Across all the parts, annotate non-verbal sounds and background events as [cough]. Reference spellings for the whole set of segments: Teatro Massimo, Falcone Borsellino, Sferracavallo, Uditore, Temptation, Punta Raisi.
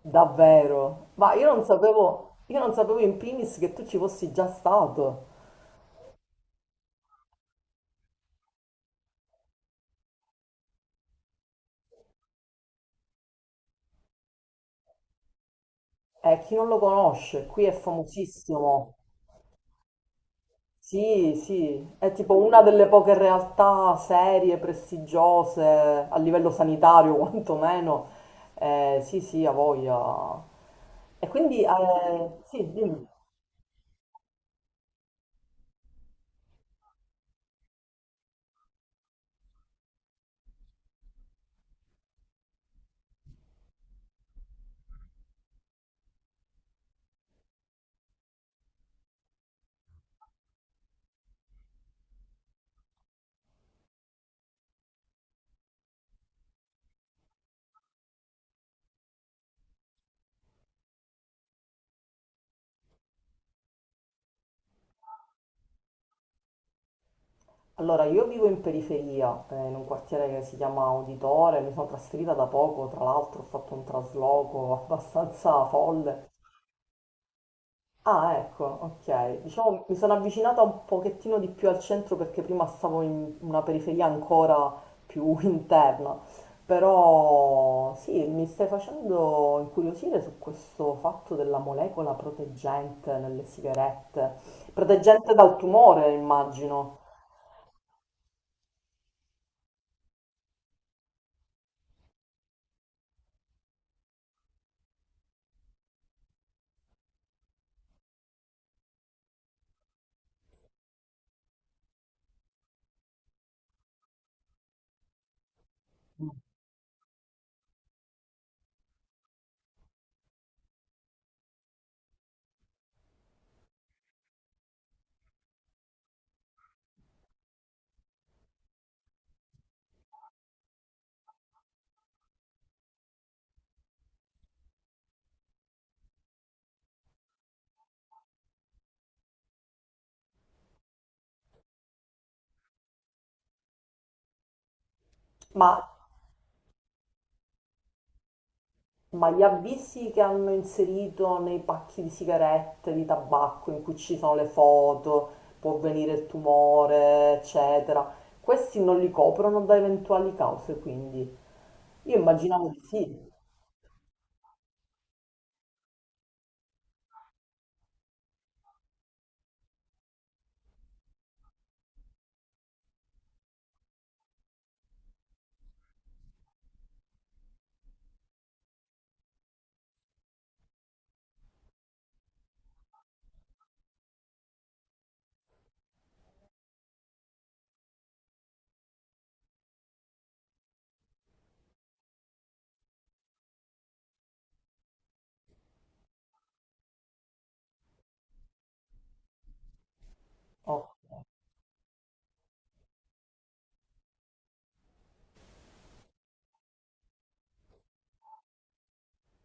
Davvero? Ma io non sapevo in primis che tu ci fossi già stato. E chi non lo conosce, qui è famosissimo. Sì, sì, è tipo una delle poche realtà serie, prestigiose, a livello sanitario [laughs] quantomeno. Sì, sì, ha voglia. E quindi, sì, dimmi. Allora, io vivo in periferia, in un quartiere che si chiama Uditore, mi sono trasferita da poco, tra l'altro ho fatto un trasloco [laughs] abbastanza folle. Ah, ecco, ok. Diciamo mi sono avvicinata un pochettino di più al centro perché prima stavo in una periferia ancora più [laughs] interna. Però sì, mi stai facendo incuriosire su questo fatto della molecola proteggente nelle sigarette. Proteggente dal tumore, immagino. Ma Ma gli avvisi che hanno inserito nei pacchi di sigarette, di tabacco, in cui ci sono le foto, può venire il tumore, eccetera, questi non li coprono da eventuali cause, quindi io immaginavo di sì. Oh.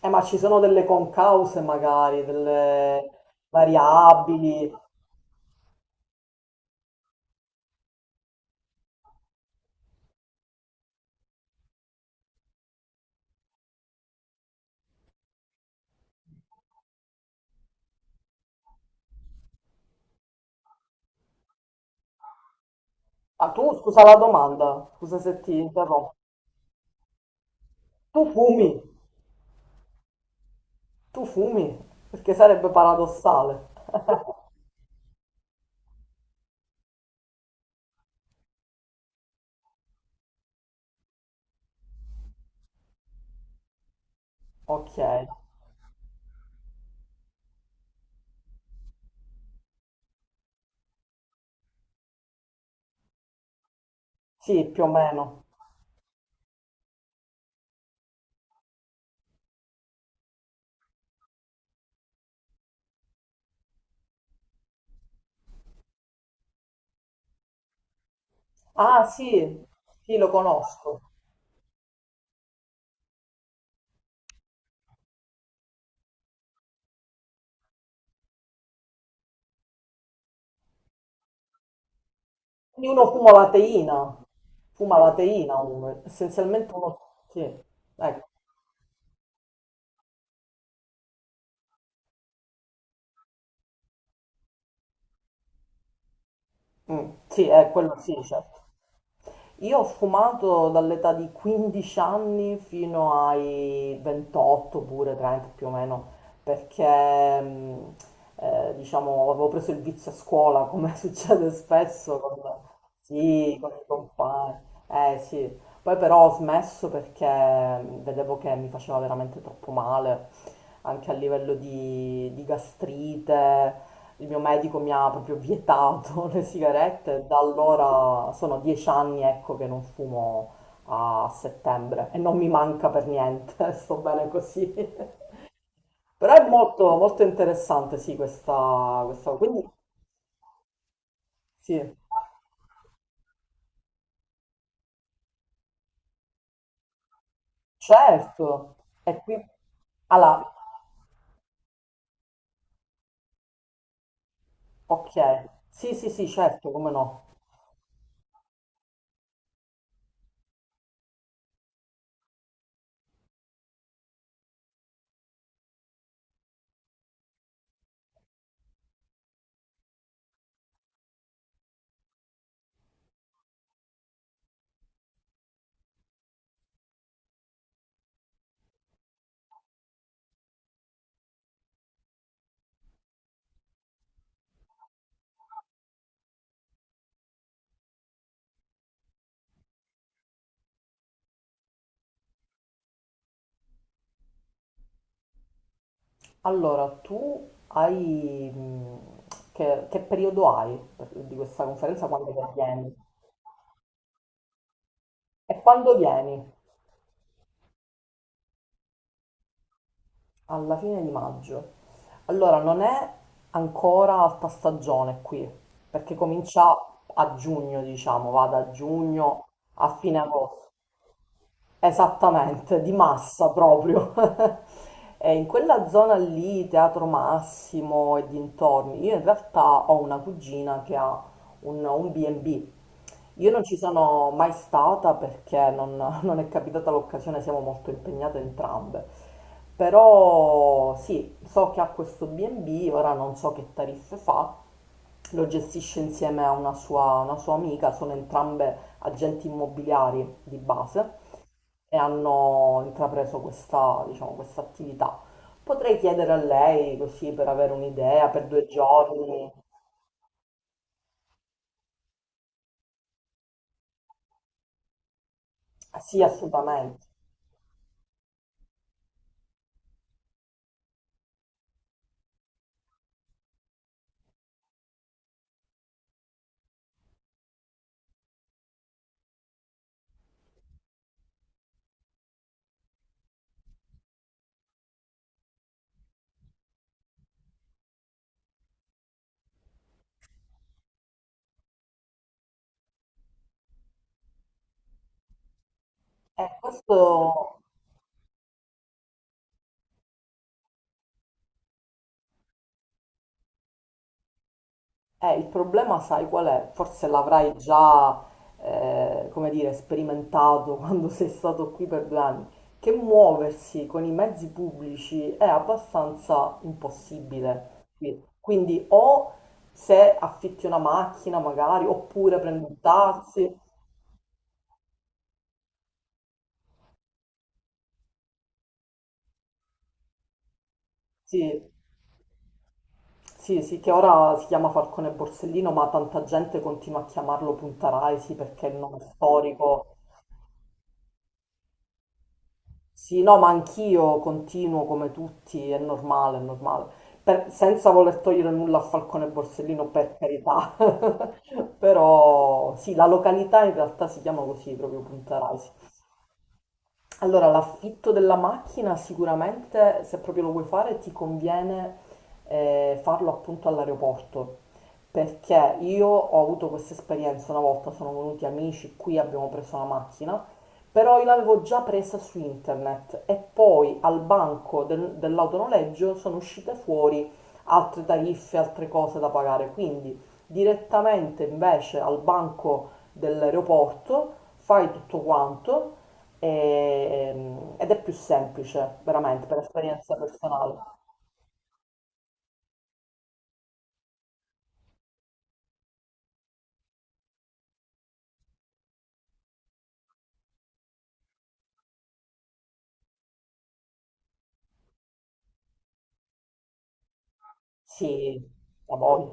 Ma ci sono delle concause magari, delle variabili. Ah, tu scusa la domanda, scusa se ti interrompo. Tu fumi, tu fumi, perché sarebbe paradossale. Ok, sì, più o meno. Ah sì, sì, lo conosco. Quindi uno fuma la teina uno, essenzialmente uno, sì, ecco, mm, sì, è quello sì, cioè. Io ho fumato dall'età di 15 anni fino ai 28 pure, 30 più o meno, perché diciamo avevo preso il vizio a scuola, come [laughs] succede spesso con, sì, con i compagni. Eh sì, poi però ho smesso perché vedevo che mi faceva veramente troppo male, anche a livello di gastrite, il mio medico mi ha proprio vietato [laughs] le sigarette, da allora sono 10 anni, ecco, che non fumo a settembre e non mi manca per niente, [laughs] sto bene così. [laughs] Però è molto, molto interessante, sì, questa. Quindi, sì, certo. E qui. Allora, ok. Sì, sì, sì, certo, come no. Allora, che periodo hai di questa conferenza? Quando vieni? E quando vieni? Alla fine di maggio. Allora, non è ancora alta stagione qui, perché comincia a giugno, diciamo, va da giugno a fine agosto. Esattamente, di massa proprio. [laughs] E in quella zona lì, Teatro Massimo e dintorni, io in realtà ho una cugina che ha un B&B. Io non ci sono mai stata perché non, [laughs] non è capitata l'occasione, siamo molto impegnate entrambe. Però sì, so che ha questo B&B, ora non so che tariffe fa, lo gestisce insieme a una sua amica, sono entrambe agenti immobiliari di base e hanno intrapreso questa, diciamo, questa attività. Potrei chiedere a lei così per avere un'idea per 2 giorni. Ah, sì, assolutamente. Questo è il problema, sai qual è? Forse l'avrai già, come dire, sperimentato [laughs] quando sei stato qui per 2 anni, che muoversi con i mezzi pubblici è abbastanza impossibile qui. Quindi o se affitti una macchina magari, oppure prendi un taxi. Sì, sì, sì, che ora si chiama Falcone Borsellino, ma tanta gente continua a chiamarlo Punta Raisi perché è il nome storico. Sì, no, ma anch'io continuo come tutti, è normale, è normale. Senza voler togliere nulla a Falcone Borsellino, per carità. [laughs] Però sì, la località in realtà si chiama così, proprio Punta Raisi. Allora, l'affitto della macchina sicuramente, se proprio lo vuoi fare, ti conviene farlo appunto all'aeroporto, perché io ho avuto questa esperienza una volta, sono venuti amici, qui abbiamo preso una macchina, però io l'avevo già presa su internet e poi al banco dell'autonoleggio sono uscite fuori altre tariffe, altre cose da pagare, quindi direttamente invece al banco dell'aeroporto, fai tutto quanto ed è più semplice, veramente, per esperienza personale. Sì, da voi.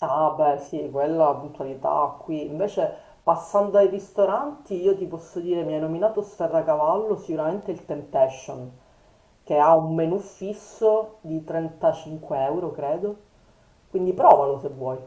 Ah, beh, sì, quella puntualità qui. Invece, passando ai ristoranti, io ti posso dire, mi hai nominato Sferracavallo, sicuramente il Temptation, che ha un menù fisso di 35 euro, credo. Quindi provalo se vuoi.